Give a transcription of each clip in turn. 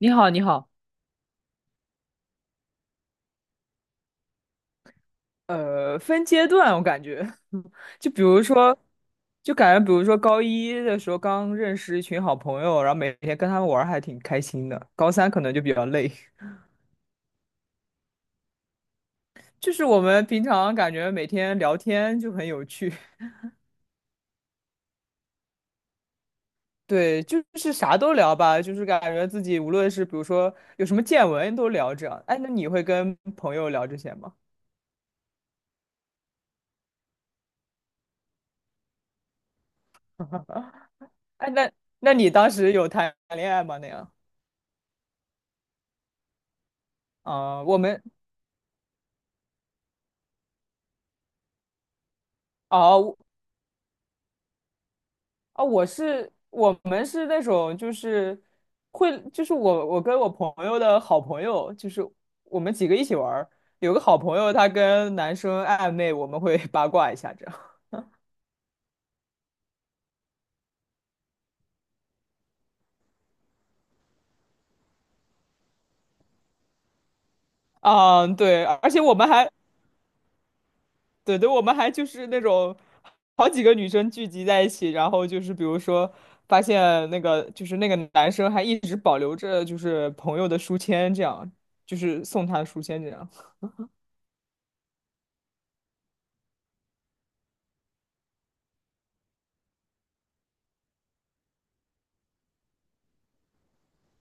你好，你好。分阶段，我感觉。就比如说，就感觉，比如说高一的时候刚认识一群好朋友，然后每天跟他们玩儿还挺开心的。高三可能就比较累。就是我们平常感觉每天聊天就很有趣。对，就是啥都聊吧，就是感觉自己无论是比如说有什么见闻都聊着。样。哎，那你会跟朋友聊这些吗？哎，那那你当时有谈恋爱吗？那样？啊、我们哦，啊，我们是那种就是会就是我跟我朋友的好朋友，就是我们几个一起玩儿。有个好朋友他跟男生暧昧，我们会 八卦一下这样。啊，对，而且我们还对对，我们还就是那种好几个女生聚集在一起，然后就是比如说发现那个就是那个男生还一直保留着就是朋友的书签，这样就是送他的书签这样。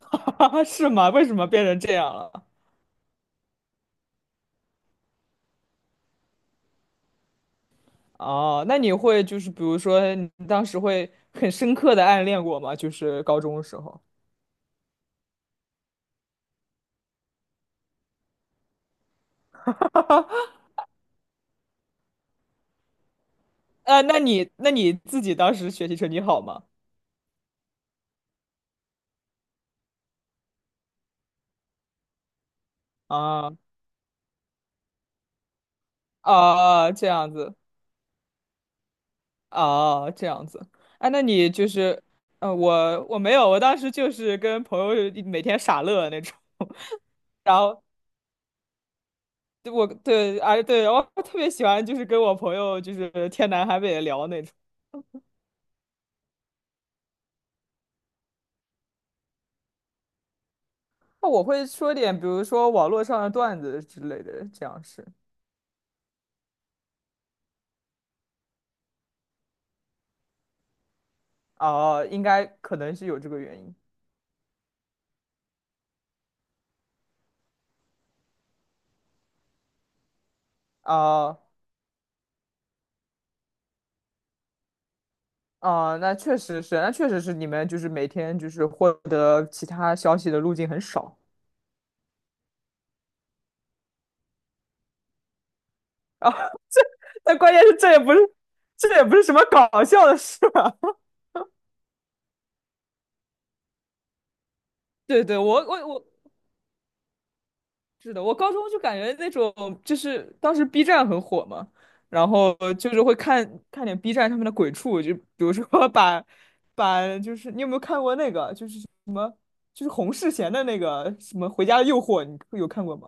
是吗？为什么变成这样了？哦，那你会就是比如说，你当时会很深刻的暗恋过吗？就是高中的时候。那你那你自己当时学习成绩好吗？啊啊，这样子啊，这样子。啊，那你就是。我没有，我当时就是跟朋友每天傻乐那种。然后对我对，啊对，我特别喜欢就是跟我朋友就是天南海北的聊那种。那我会说点，比如说网络上的段子之类的，这样是。哦、应该可能是有这个原因。哦、哦、那确实是，那确实是你们就是每天就是获得其他消息的路径很少啊。但关键是这也不是，这也不是什么搞笑的事吧？对对，我是的，我高中就感觉那种就是当时 B 站很火嘛，然后就是会看看点 B 站上面的鬼畜，就比如说 把把就是你有没有看过那个就是什么就是洪世贤的那个什么《回家的诱惑》，你有看过吗？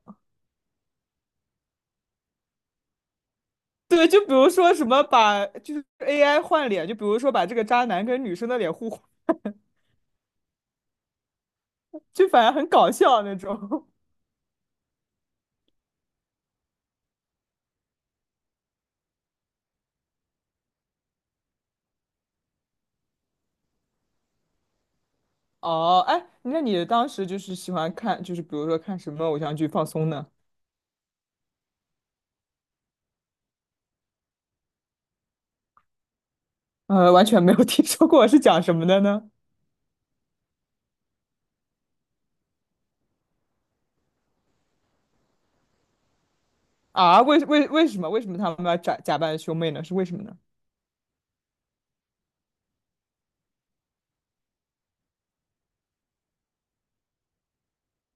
对，就比如说什么把就是 AI 换脸，就比如说把这个渣男跟女生的脸互换，就反正很搞笑那种。哦，哎，那你当时就是喜欢看，就是比如说看什么偶像剧放松呢？完全没有 听说过是讲什么的呢？啊，为为为什么为什么他们要假假扮兄妹呢？是为什么呢？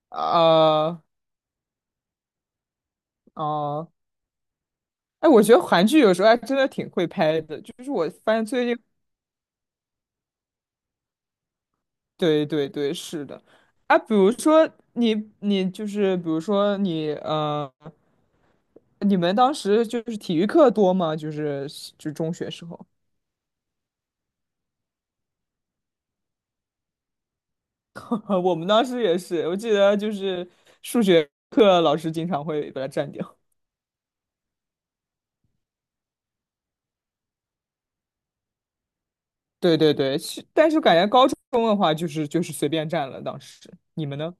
呃，哦、哎，我觉得韩剧有时候还真的挺会拍的，就是我发现最近对对对，是的。啊，比如说你你就是比如说你你们当时就是体育课多吗？就是就中学时候。我们当时也是，我记得就是数学课老师经常会把它占掉。对对对，是但是感觉高中的话就是就是随便占了。当时你们呢？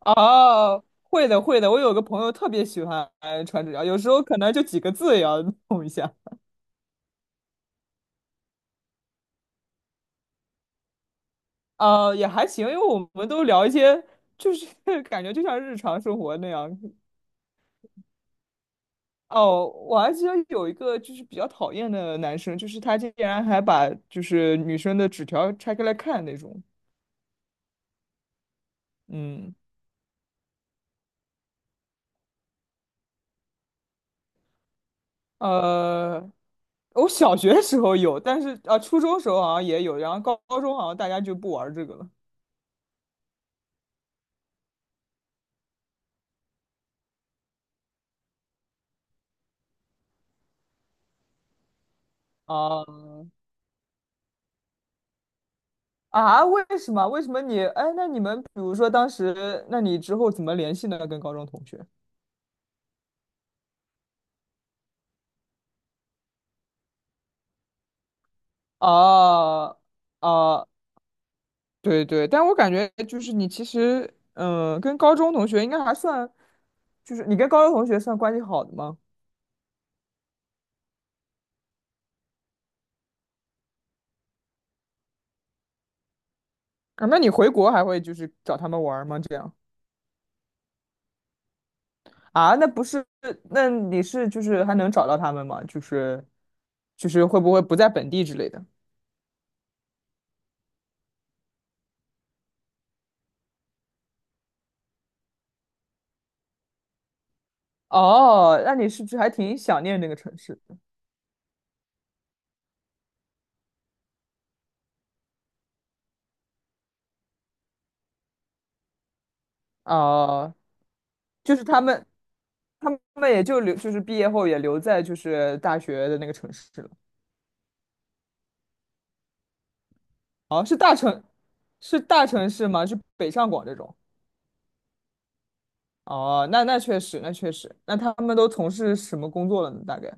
哦，会的会的，我有个朋友特别喜欢穿纸条，有时候可能就几个字也要弄一下。也还行，因为我们都聊一些，就是 感觉就像日常生活那样。哦，我还记得有一个就是比较讨厌的男生，就是他竟然还把就是女生的纸条拆开来看那种。嗯。呃，我小学的时候有，但是啊，初中时候好像也有，然后高高中好像大家就不玩这个了。啊啊，为什么？为什么你？哎，那你们比如说当时，那你之后怎么联系呢？跟高中同学？啊啊。哦对对，但我感觉就是你其实，嗯、跟高中同学应该还算，就是你跟高中同学算关系好的吗？啊，那你回国还会就是找他们玩儿吗？这样啊？那不是，那你是就是还能找到他们吗？就是就是会不会不在本地之类的？哦，那你是不是还挺想念那个城市的？哦，就是他们，他们也就留，就是毕业后也留在就是大学的那个城市了。哦，是大城，是大城市吗？是北上广这种？哦，那那确实，那确实，那他们都从事什么工作了呢？大概？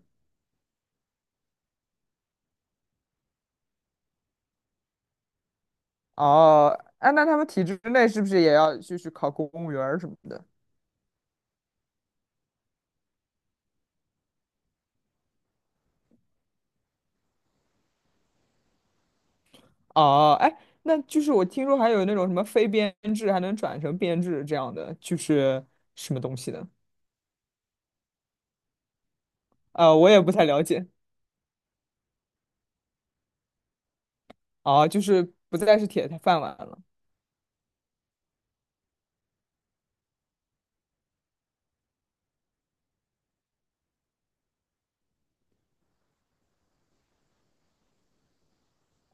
哦，哎，那他们体制内是不是也要就是考公务员儿什么的？哦，哎，那就是我听说还有那种什么非编制还能转成编制这样的，就是什么东西的？我也不太了解。哦，就是不再是铁饭碗了。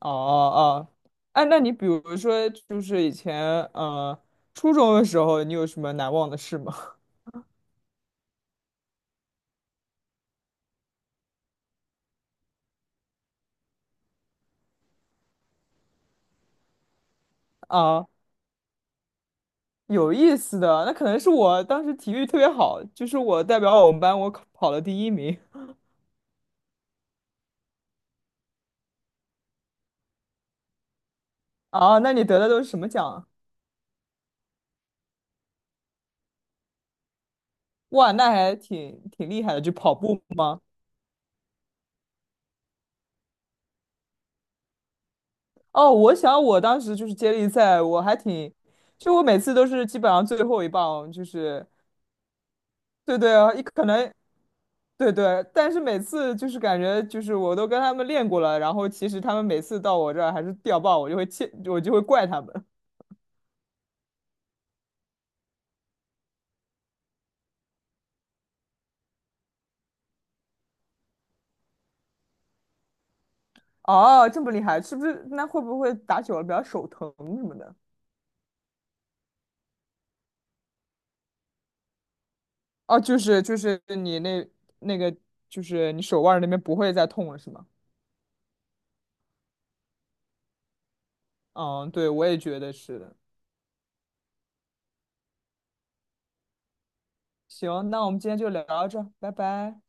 哦哦，哦，哎，那你比如说，就是以前初中的时候，你有什么难忘的事吗？啊，有意思的，那可能是我当时体育特别好，就是我代表我们班，我考跑了第一名。啊，那你得的都是什么奖啊哇，那还挺挺厉害的，就跑步吗？哦，我想我当时就是接力赛，我还挺，就我每次都是基本上最后一棒，就是对对啊，一可能对对，但是每次就是感觉就是我都跟他们练过了，然后其实他们每次到我这儿还是掉棒，我就会气，我就会怪他们。哦，这么厉害，是不是？那会不会打久了比较手疼什么的？哦，就是就是你那那个就是你手腕儿那边不会再痛了是吗？嗯，对，我也觉得是的。行，那我们今天就聊到这儿，拜拜。